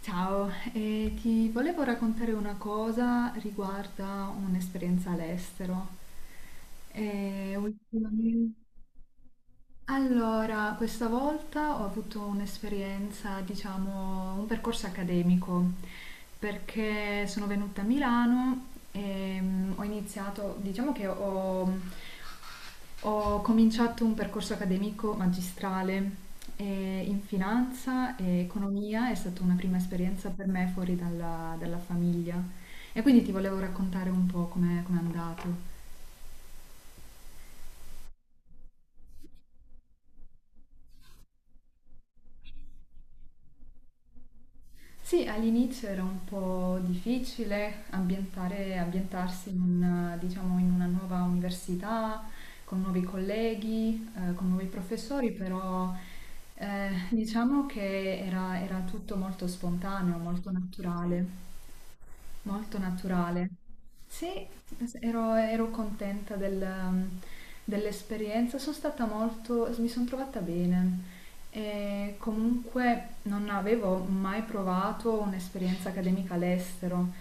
Ciao, ti volevo raccontare una cosa riguarda un'esperienza all'estero. Eh, ultimamente... Allora, questa volta ho avuto un'esperienza, diciamo, un percorso accademico, perché sono venuta a Milano e ho iniziato, ho cominciato un percorso accademico magistrale in finanza e economia, è stata una prima esperienza per me fuori dalla famiglia. E quindi ti volevo raccontare un po' com'è andato. Sì, all'inizio era un po' difficile ambientarsi in una, diciamo, in una nuova università, con nuovi colleghi, con nuovi professori, però diciamo che era tutto molto spontaneo, molto naturale. Molto naturale. Sì, ero contenta del, dell'esperienza, sono stata molto, mi sono trovata bene e comunque non avevo mai provato un'esperienza accademica all'estero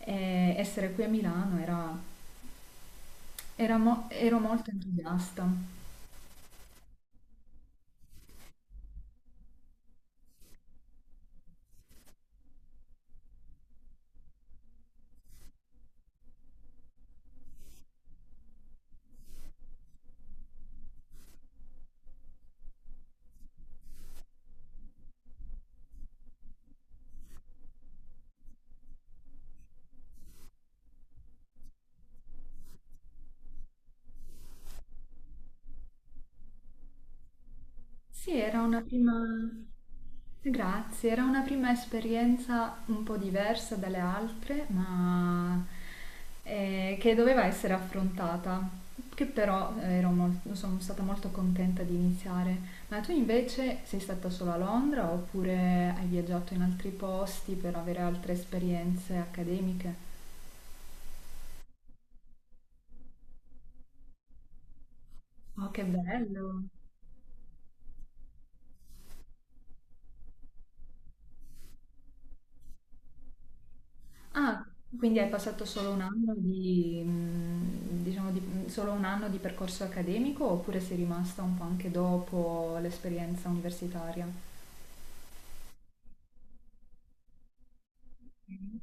e essere qui a Milano era, ero molto entusiasta. Sì, era una prima... Grazie, era una prima esperienza un po' diversa dalle altre, ma che doveva essere affrontata, che però sono stata molto contenta di iniziare. Ma tu invece sei stata solo a Londra oppure hai viaggiato in altri posti per avere altre esperienze accademiche? Oh, che bello! Ah, quindi hai passato solo un anno di, solo un anno di percorso accademico oppure sei rimasta un po' anche dopo l'esperienza universitaria? Mm.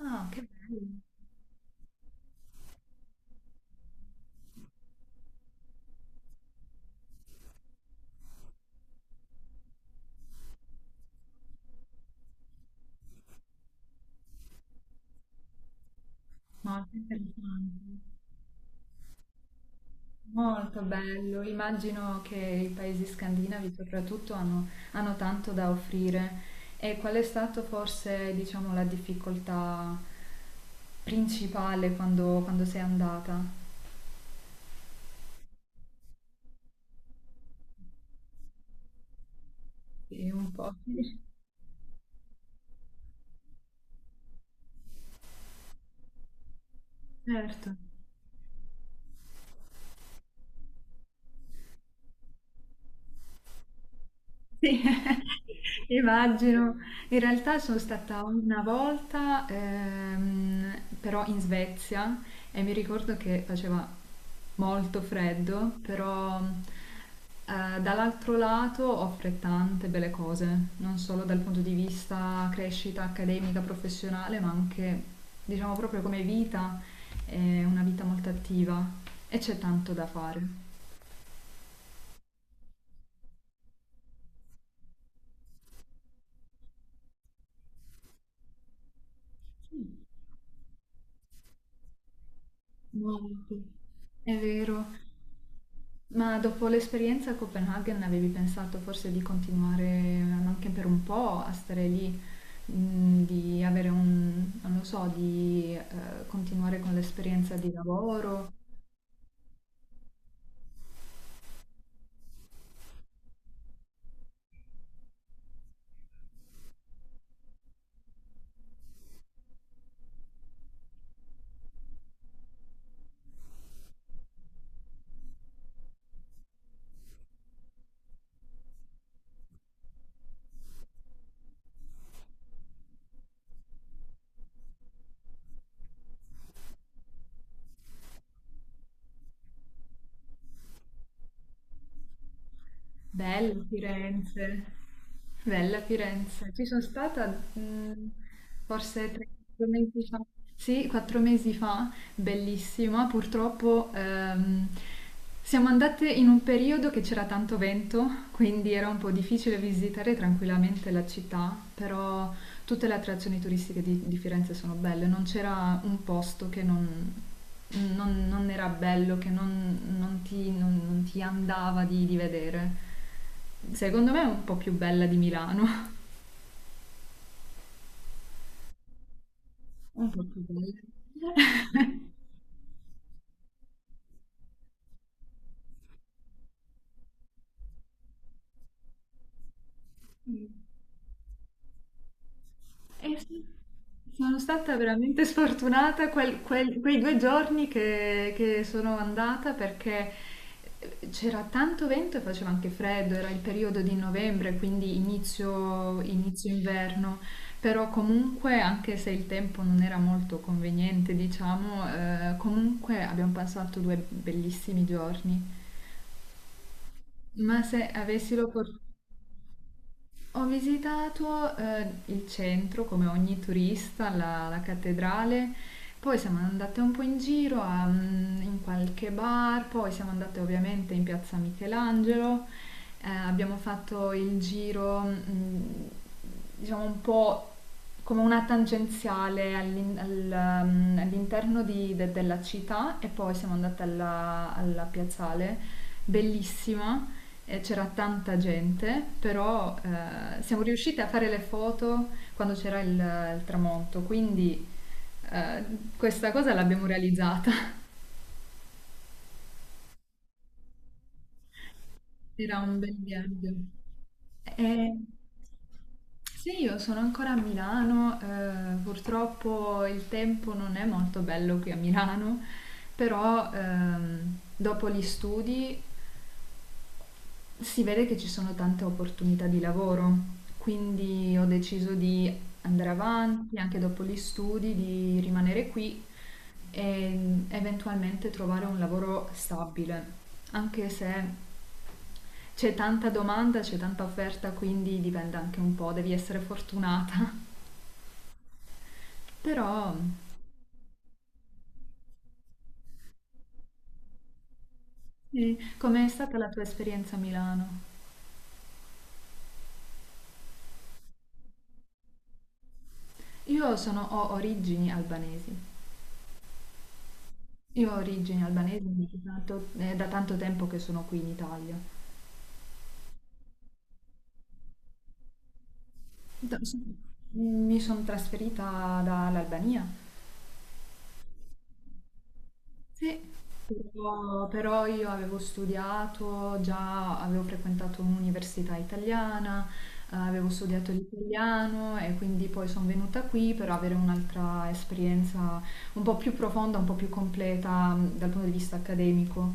Ah, che bello, molto interessante, molto bello. Immagino che i paesi scandinavi soprattutto hanno, hanno tanto da offrire. E qual è stato forse, diciamo, la difficoltà principale quando, quando sei andata? Sì, un po'. Certo, sì, immagino. In realtà sono stata una volta, però in Svezia e mi ricordo che faceva molto freddo, però dall'altro lato offre tante belle cose, non solo dal punto di vista crescita accademica, professionale, ma anche, diciamo, proprio come vita, è una vita molto attiva e c'è tanto da fare. Molto. È vero. Ma dopo l'esperienza a Copenaghen avevi pensato forse di continuare anche per un po' a stare lì, di avere un, non lo so, di continuare con l'esperienza di lavoro? Bella Firenze, bella Firenze. Ci sono stata forse quattro mesi fa. Sì, 4 mesi fa, bellissima. Purtroppo siamo andate in un periodo che c'era tanto vento, quindi era un po' difficile visitare tranquillamente la città, però tutte le attrazioni turistiche di Firenze sono belle, non c'era un posto che non, non era bello, che non, non ti andava di vedere. Secondo me è un po' più bella di Milano. Un po' più belle. Mm. Eh sì, sono stata veramente sfortunata quei 2 giorni che sono andata perché c'era tanto vento e faceva anche freddo, era il periodo di novembre, quindi inizio inverno, però comunque anche se il tempo non era molto conveniente, diciamo, comunque abbiamo passato 2 bellissimi giorni. Ma se avessi l'opportunità... Ho visitato il centro come ogni turista, la cattedrale, poi siamo andate un po' in giro a, in qualche bar, poi siamo andate ovviamente in piazza Michelangelo, abbiamo fatto il giro, diciamo un po' come una tangenziale all'interno della città e poi siamo andate alla piazzale, bellissima, e c'era tanta gente, però siamo riuscite a fare le foto quando c'era il tramonto, quindi eh, questa cosa l'abbiamo realizzata. Era un bel viaggio. Eh, sì, io sono ancora a Milano, purtroppo il tempo non è molto bello qui a Milano, però dopo gli studi si vede che ci sono tante opportunità di lavoro, quindi ho deciso di andare avanti anche dopo gli studi, di rimanere qui e eventualmente trovare un lavoro stabile, anche se c'è tanta domanda, c'è tanta offerta, quindi dipende anche un po', devi essere fortunata. Però, sì, com'è stata la tua esperienza a Milano? Ho origini albanesi. Io ho origini albanesi, quindi è da tanto tempo che sono qui in Italia. Da- so- mi sono trasferita dall'Albania. Sì, però io avevo studiato, già avevo frequentato un'università italiana, avevo studiato l'italiano e quindi poi sono venuta qui per avere un'altra esperienza un po' più profonda, un po' più completa dal punto di vista accademico.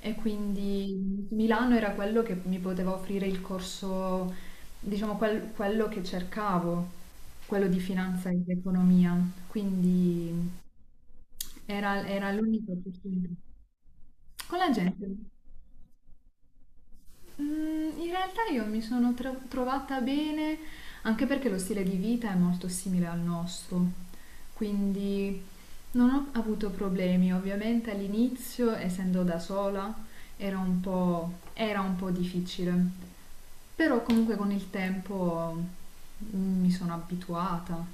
E quindi Milano era quello che mi poteva offrire il corso, diciamo, quello che cercavo, quello di finanza ed economia. Quindi era l'unica opportunità. Con la gente? Mm, in realtà io mi sono trovata bene, anche perché lo stile di vita è molto simile al nostro, quindi non ho avuto problemi. Ovviamente all'inizio, essendo da sola, era un po' difficile, però comunque con il tempo mi sono abituata.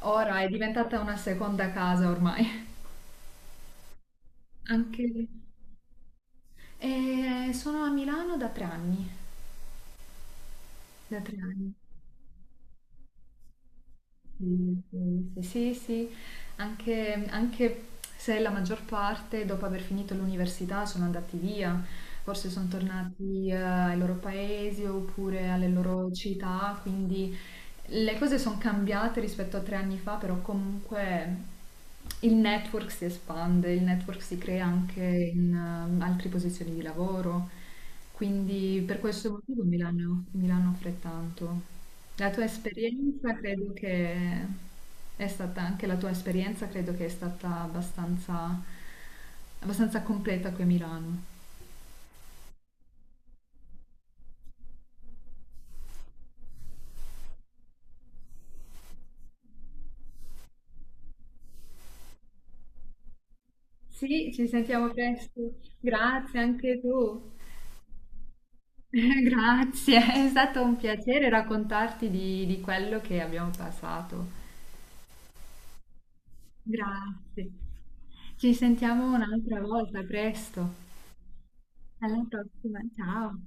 Ora è diventata una seconda casa ormai. Anche... E sono a Milano da 3 anni. Da tre anni. Sì, sì, sì. Sì, sì, anche se la maggior parte dopo aver finito l'università sono andati via, forse sono tornati ai loro paesi oppure alle loro città, quindi le cose sono cambiate rispetto a 3 anni fa, però comunque il network si espande, il network si crea anche in altre posizioni di lavoro, quindi per questo motivo mi l'hanno offre tanto. La tua esperienza credo che è stata anche la tua esperienza credo che è stata abbastanza, abbastanza completa qui a Milano. Sì, ci sentiamo presto. Grazie anche tu. Grazie, è stato un piacere raccontarti di quello che abbiamo passato. Grazie. Ci sentiamo un'altra volta, presto. Alla prossima, ciao.